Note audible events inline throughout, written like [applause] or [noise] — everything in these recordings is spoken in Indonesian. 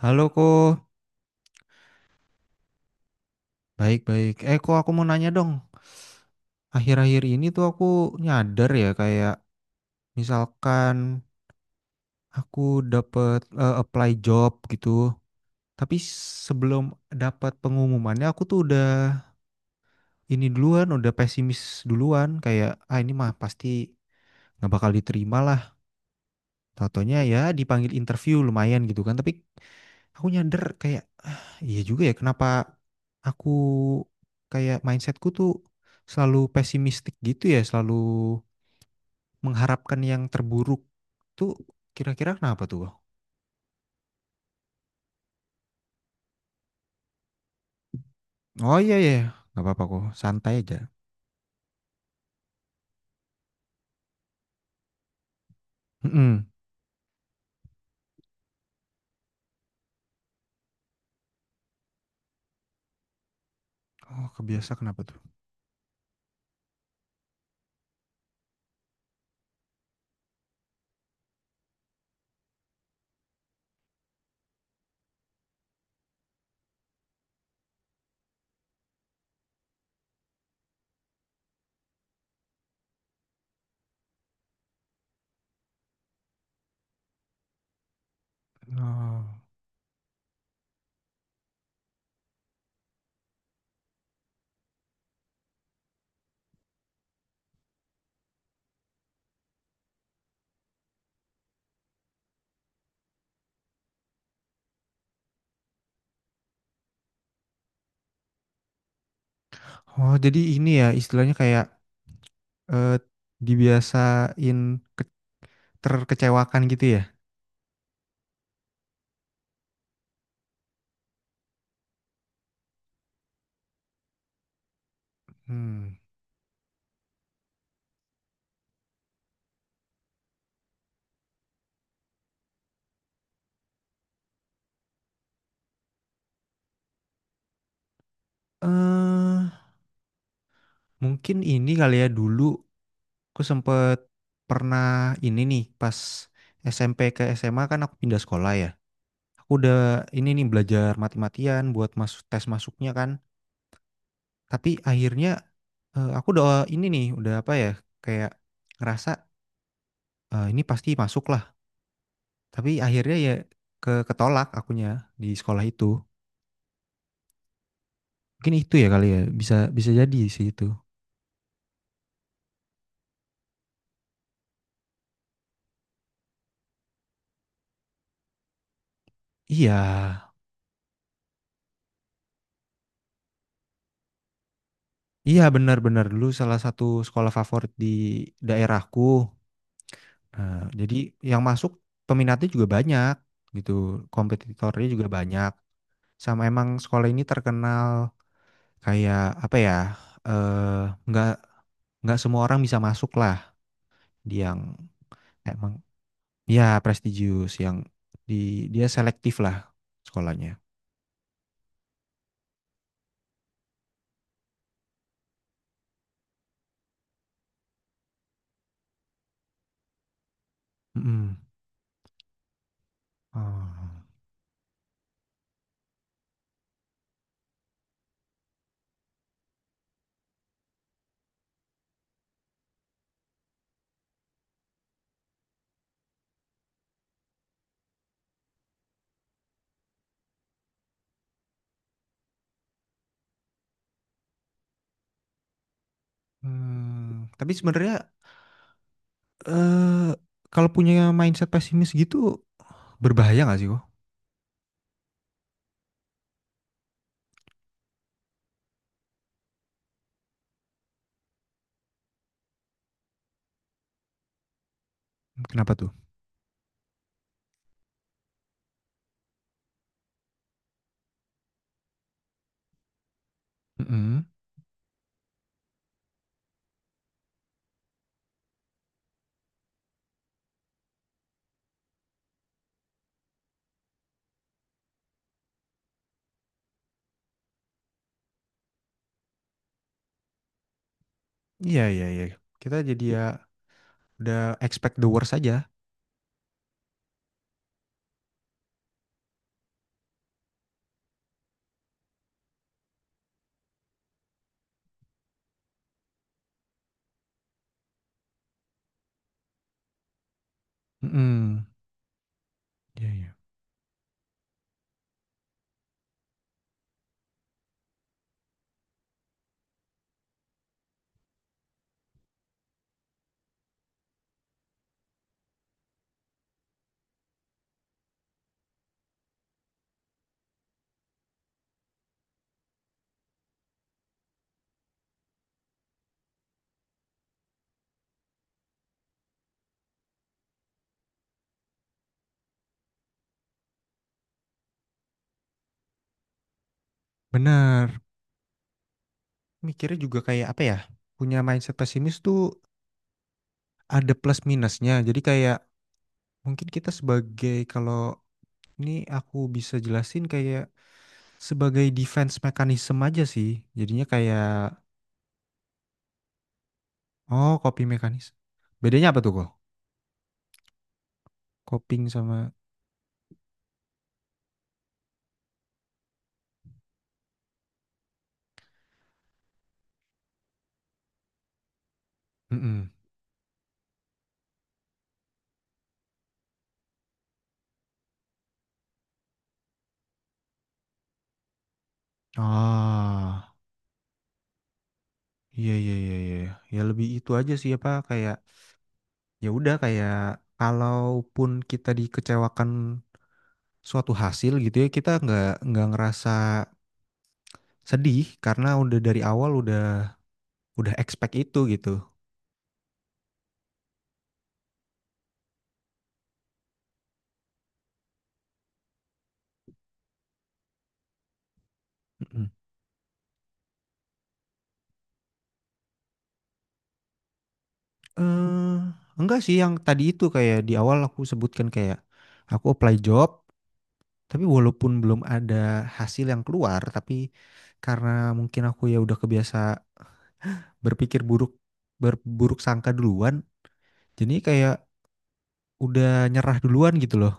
Halo Ko, baik-baik. Eh Ko, aku mau nanya dong. Akhir-akhir ini tuh aku nyadar ya kayak misalkan aku dapet apply job gitu. Tapi sebelum dapat pengumumannya aku tuh udah ini duluan, udah pesimis duluan. Kayak, ah, ini mah pasti nggak bakal diterima lah. Tau-taunya ya dipanggil interview lumayan gitu kan. Tapi aku nyadar kayak, "Ah, iya juga ya, kenapa aku kayak mindsetku tuh selalu pesimistik gitu ya, selalu mengharapkan yang terburuk tuh. Kira-kira kenapa tuh?" Oh, iya, iya, nggak apa-apa kok, santai aja. Mm-mm. Oh, kebiasa, kenapa tuh? Oh. Oh, jadi ini ya istilahnya kayak, eh, dibiasain ke- terkecewakan gitu ya. Hmm eh mungkin ini kali ya dulu aku sempet pernah ini nih pas SMP ke SMA kan aku pindah sekolah ya. Aku udah ini nih belajar mati-matian buat masuk tes masuknya kan. Tapi akhirnya aku udah ini nih udah apa ya kayak ngerasa, ini pasti masuk lah. Tapi akhirnya ya ketolak akunya di sekolah itu. Mungkin itu ya kali ya bisa bisa jadi sih itu. Iya, iya benar-benar dulu salah satu sekolah favorit di daerahku. Nah, jadi yang masuk peminatnya juga banyak gitu, kompetitornya juga banyak. Sama emang sekolah ini terkenal kayak apa ya? Eh, nggak nggak semua orang bisa masuk lah. Dia yang emang ya prestigious yang di dia selektif lah sekolahnya. Mm-mm. Oh. Hmm, tapi sebenarnya, eh kalau punya mindset pesimis gitu berbahaya nggak sih kok? Kenapa tuh? Mm-mm. Iya iya iya. Kita jadi ya. Udah expect the worst aja. Mhm, iya iya, benar. Mikirnya juga kayak apa ya, punya mindset pesimis tuh ada plus minusnya. Jadi kayak mungkin kita sebagai kalau ini aku bisa jelasin kayak sebagai defense mechanism aja sih. Jadinya kayak, oh, coping mechanism. Bedanya apa tuh kok? Coping sama mhm. Oh, iya iya iya iya. Ya lebih itu aja sih apa kayak ya udah kayak kalaupun kita dikecewakan suatu hasil gitu ya kita nggak ngerasa sedih karena udah dari awal udah expect itu gitu. Mm-mm. Eh, enggak sih, yang tadi itu kayak di awal aku sebutkan kayak aku apply job tapi walaupun belum ada hasil yang keluar tapi karena mungkin aku ya udah kebiasa berpikir buruk, berburuk sangka duluan, jadi kayak udah nyerah duluan gitu loh.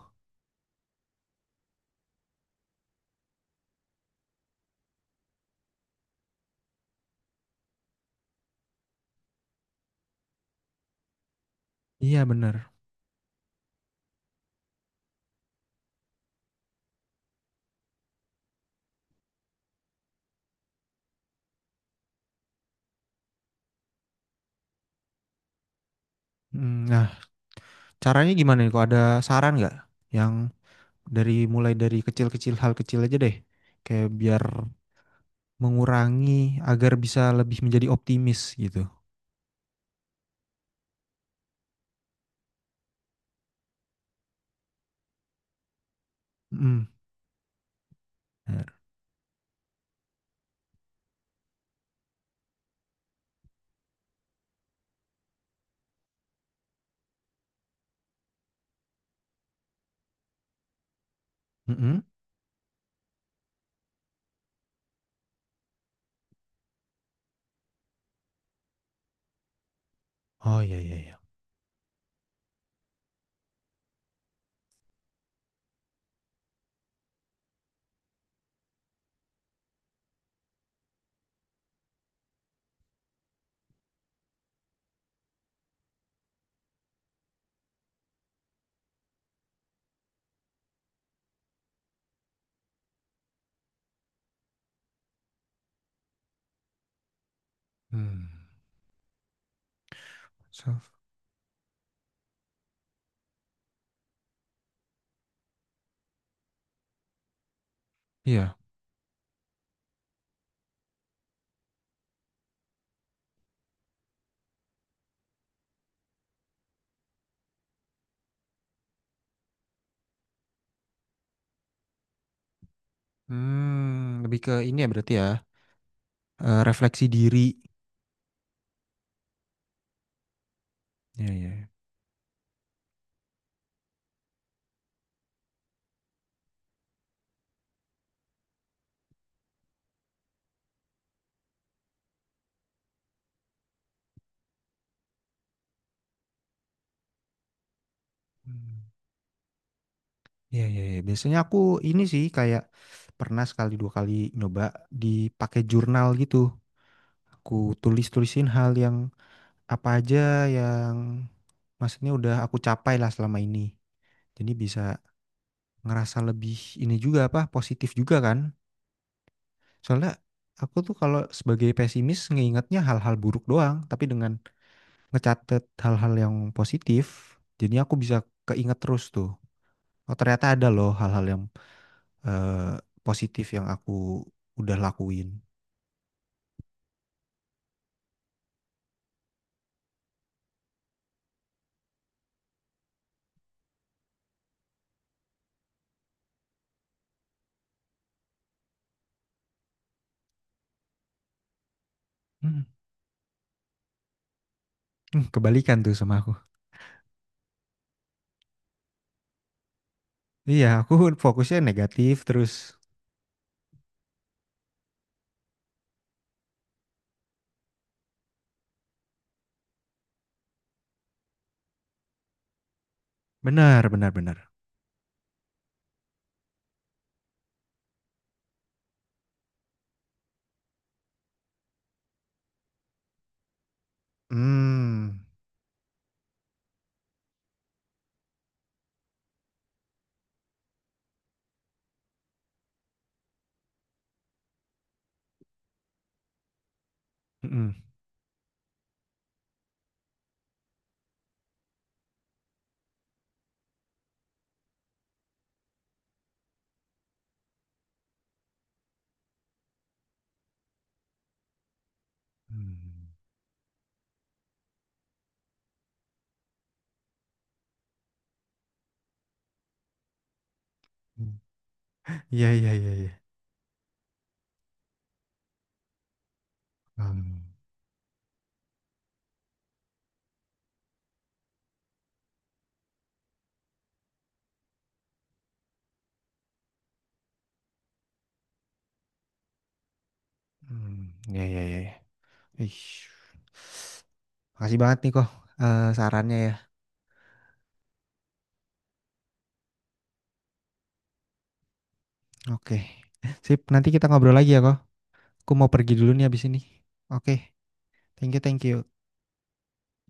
Iya bener. Mm. Nah, caranya gimana nih kok? Ada saran nggak yang, dari mulai dari kecil-kecil, hal kecil aja deh, kayak biar mengurangi, agar bisa lebih menjadi optimis gitu. Mm. Benar. Mm-mm. Oh iya iya iya. Hmm. Self. Iya. Hmm, lebih ke ini ya berarti ya. Refleksi diri. Iya iya. Iya. Hmm. Iya iya iya. Biasanya aku ini sih kayak pernah sekali dua kali nyoba dipakai jurnal gitu. Aku tulis-tulisin hal yang apa aja yang maksudnya udah aku capai lah selama ini. Jadi bisa ngerasa lebih ini juga apa, positif juga kan. Soalnya aku tuh kalau sebagai pesimis ngeingetnya hal-hal buruk doang, tapi dengan ngecatet hal-hal yang positif, jadi aku bisa keinget terus tuh. Oh, ternyata ada loh hal-hal yang positif yang aku udah lakuin. Hmm. [laughs] Hmm, kebalikan tuh sama aku. Iya, aku fokusnya negatif terus. Benar, benar, benar. Hmm. Mhm. Hmm. Iya, iya, iya, iya. Hmm. Hmm. Iya, iya, iya. Iya. Ih. Makasih banget nih kok, sarannya ya. Oke. Sip, nanti kita ngobrol lagi ya kok. Aku mau pergi dulu nih abis ini. Oke. Thank you, thank you.